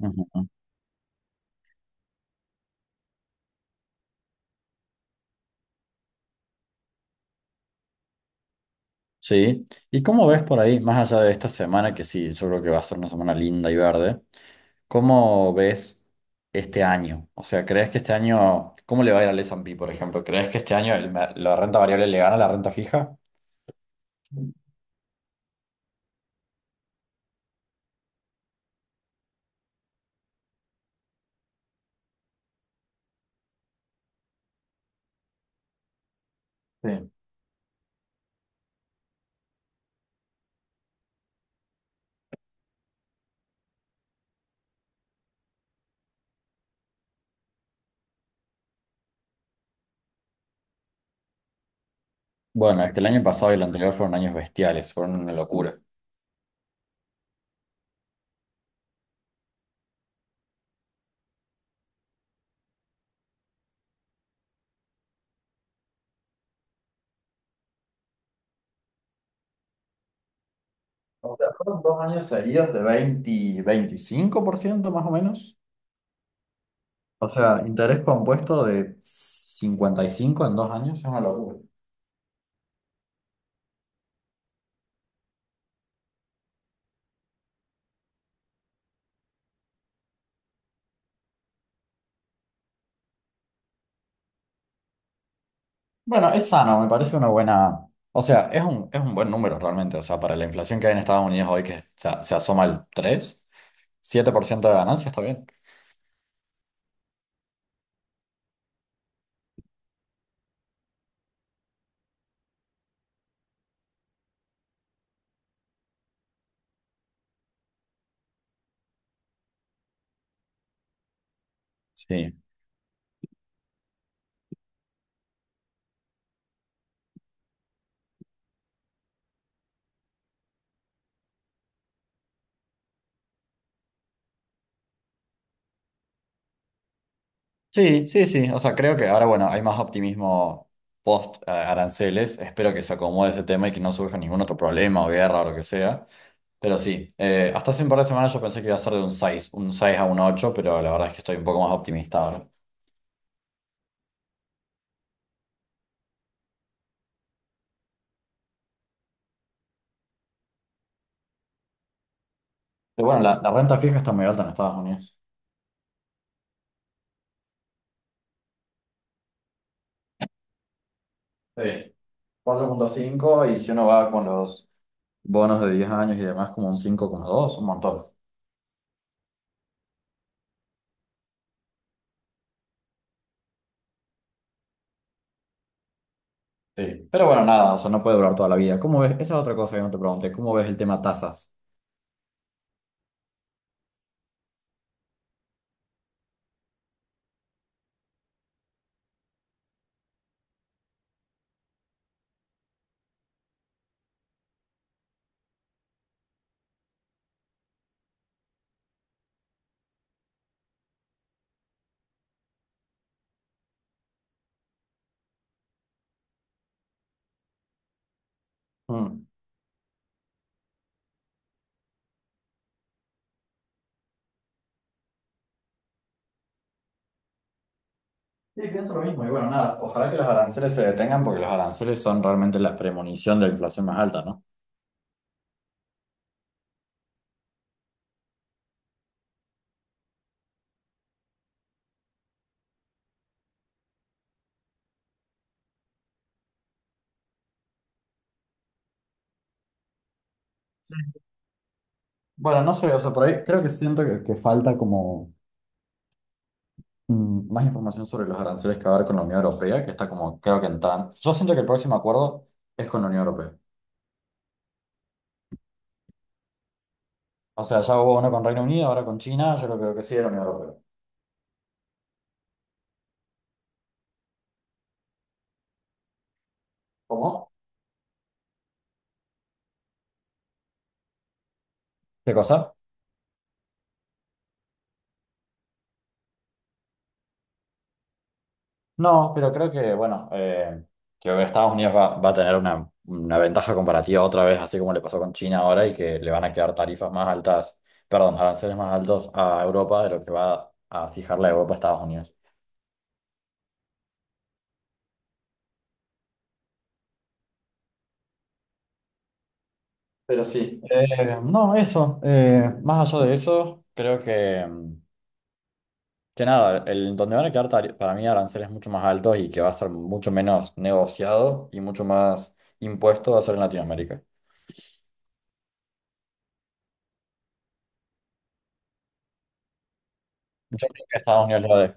Ujú. Sí. ¿Y cómo ves por ahí, más allá de esta semana, que sí, yo creo que va a ser una semana linda y verde, cómo ves este año? O sea, ¿crees que este año, cómo le va a ir al S&P, por ejemplo? ¿Crees que este año el la renta variable le gana a la renta fija? Sí. Bueno, es que el año pasado y el anterior fueron años bestiales, fueron una locura. O sea, fueron dos años seguidos de 20, 25% más o menos. O sea, interés compuesto de 55 en dos años es una locura. Bueno, es sano, me parece una buena. O sea, es un buen número realmente. O sea, para la inflación que hay en Estados Unidos hoy, que se asoma al 3, 7% de ganancia, está bien. Sí. Sí, sí, sí. O sea, creo que ahora, bueno, hay más optimismo post aranceles. Espero que se acomode ese tema y que no surja ningún otro problema o guerra o lo que sea. Pero sí, hasta hace un par de semanas yo pensé que iba a ser de un 6 a un 8, pero la verdad es que estoy un poco más optimista ahora. Pero bueno, la renta fija está muy alta en Estados Unidos. Sí. 4.5 y si uno va con los bonos de 10 años y demás como un 5,2 un montón. Sí. Pero bueno, nada, o sea, no puede durar toda la vida. ¿Cómo ves? Esa es otra cosa que no te pregunté. ¿Cómo ves el tema tasas? Mm. Sí, pienso lo mismo. Y bueno, nada, ojalá que los aranceles se detengan porque los aranceles son realmente la premonición de la inflación más alta, ¿no? Sí. Bueno, no sé, o sea, por ahí creo que siento que falta como más información sobre los aranceles que va a haber con la Unión Europea, que está como, creo que en tan... Yo siento que el próximo acuerdo es con la Unión Europea. O sea, ya hubo uno con Reino Unido, ahora con China, yo lo creo que sí de la Unión Europea. ¿Cómo? ¿Qué cosa? No, pero creo que, bueno, que Estados Unidos va a tener una ventaja comparativa otra vez, así como le pasó con China ahora, y que le van a quedar tarifas más altas, perdón, aranceles más altos a Europa de lo que va a fijar la Europa a Estados Unidos. Pero sí, no, eso, más allá de eso, creo que... Que nada, el, donde van a quedar para mí aranceles mucho más altos y que va a ser mucho menos negociado y mucho más impuesto va a ser en Latinoamérica. Yo creo que Estados Unidos lo de.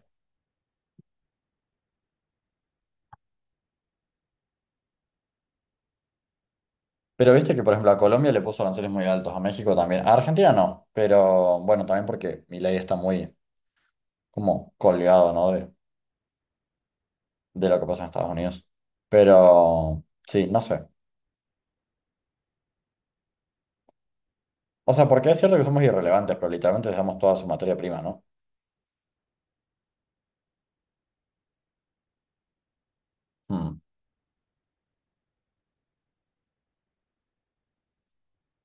Pero viste que, por ejemplo, a Colombia le puso aranceles muy altos, a México también. A Argentina no, pero bueno, también porque mi ley está muy como colgado, ¿no? De lo que pasa en Estados Unidos. Pero sí, no sé. O sea, porque es cierto que somos irrelevantes, pero literalmente dejamos toda su materia prima, ¿no? Mm,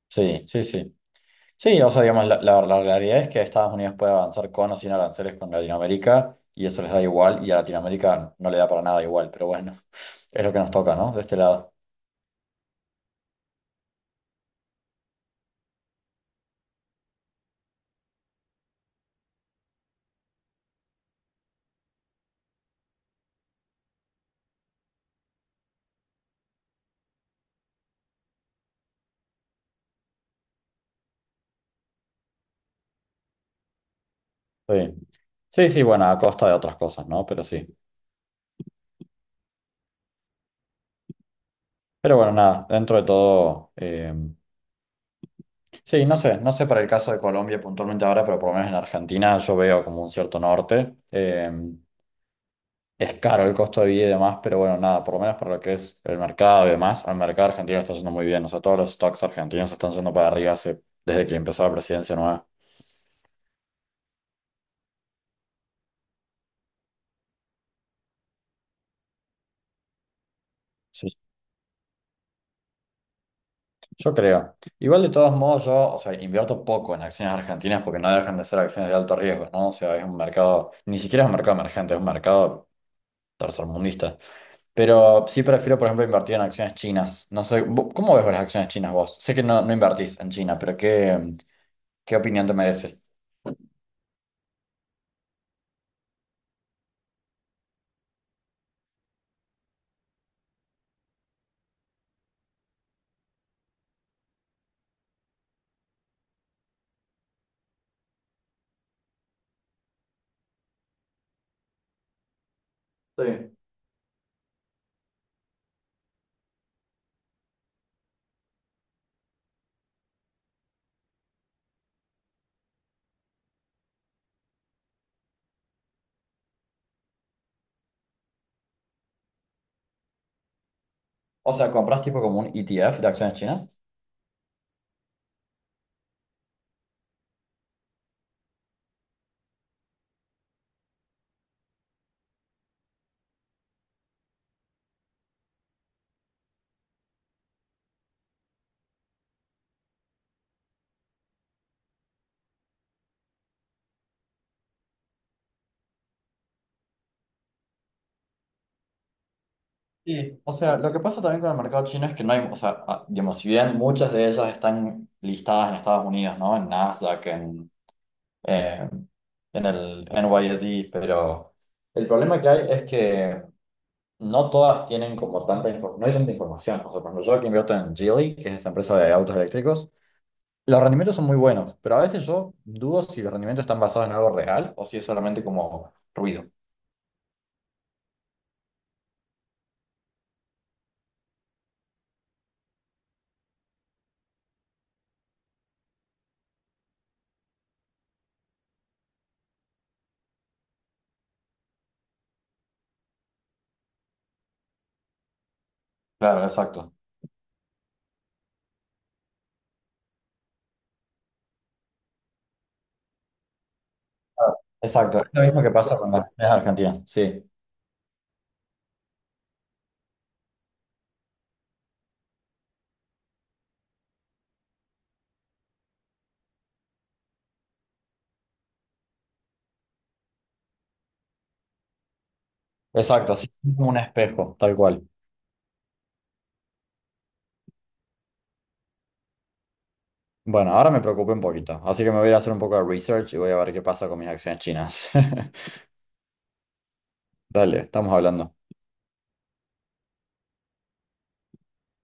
sí, sí, sí. Sí, o sea, digamos, la, la realidad es que Estados Unidos puede avanzar con o sin aranceles con Latinoamérica y eso les da igual y a Latinoamérica no le da para nada igual, pero bueno, es lo que nos toca, ¿no? De este lado. Sí, sí, sí, bueno, a costa de otras cosas, ¿no? Pero sí. Pero bueno, nada, dentro de todo, sí, no sé, no sé para el caso de Colombia puntualmente ahora, pero por lo menos en Argentina yo veo como un cierto norte. Es caro el costo de vida y demás, pero bueno, nada, por lo menos para lo que es el mercado y demás, al mercado argentino está yendo muy bien. O sea, todos los stocks argentinos están yendo para arriba desde que empezó la presidencia nueva. Sí, yo creo. Igual de todos modos, yo, o sea, invierto poco en acciones argentinas porque no dejan de ser acciones de alto riesgo, ¿no? O sea, es un mercado, ni siquiera es un mercado emergente, es un mercado tercermundista. Pero sí prefiero, por ejemplo, invertir en acciones chinas. No sé, ¿cómo ves las acciones chinas vos? Sé que no, no invertís en China, pero ¿qué, qué opinión te merece? Sí. O sea, compras tipo como un ETF de acciones chinas. Sí. O sea, lo que pasa también con el mercado chino es que no hay, o sea, digamos, si bien muchas de ellas están listadas en Estados Unidos, ¿no? En Nasdaq, eh, en el NYSE, pero el problema que hay es que no todas tienen como tanta información, no hay tanta información. O sea, por ejemplo, yo que invierto en Geely, que es esa empresa de autos eléctricos, los rendimientos son muy buenos, pero a veces yo dudo si los rendimientos están basados en algo real o si es solamente como ruido. Claro, exacto. Ah, exacto, es lo mismo que pasa con las estrellas argentinas, sí, exacto, sí, es como un espejo, tal cual. Bueno, ahora me preocupé un poquito, así que me voy a ir a hacer un poco de research y voy a ver qué pasa con mis acciones chinas. Dale, estamos hablando.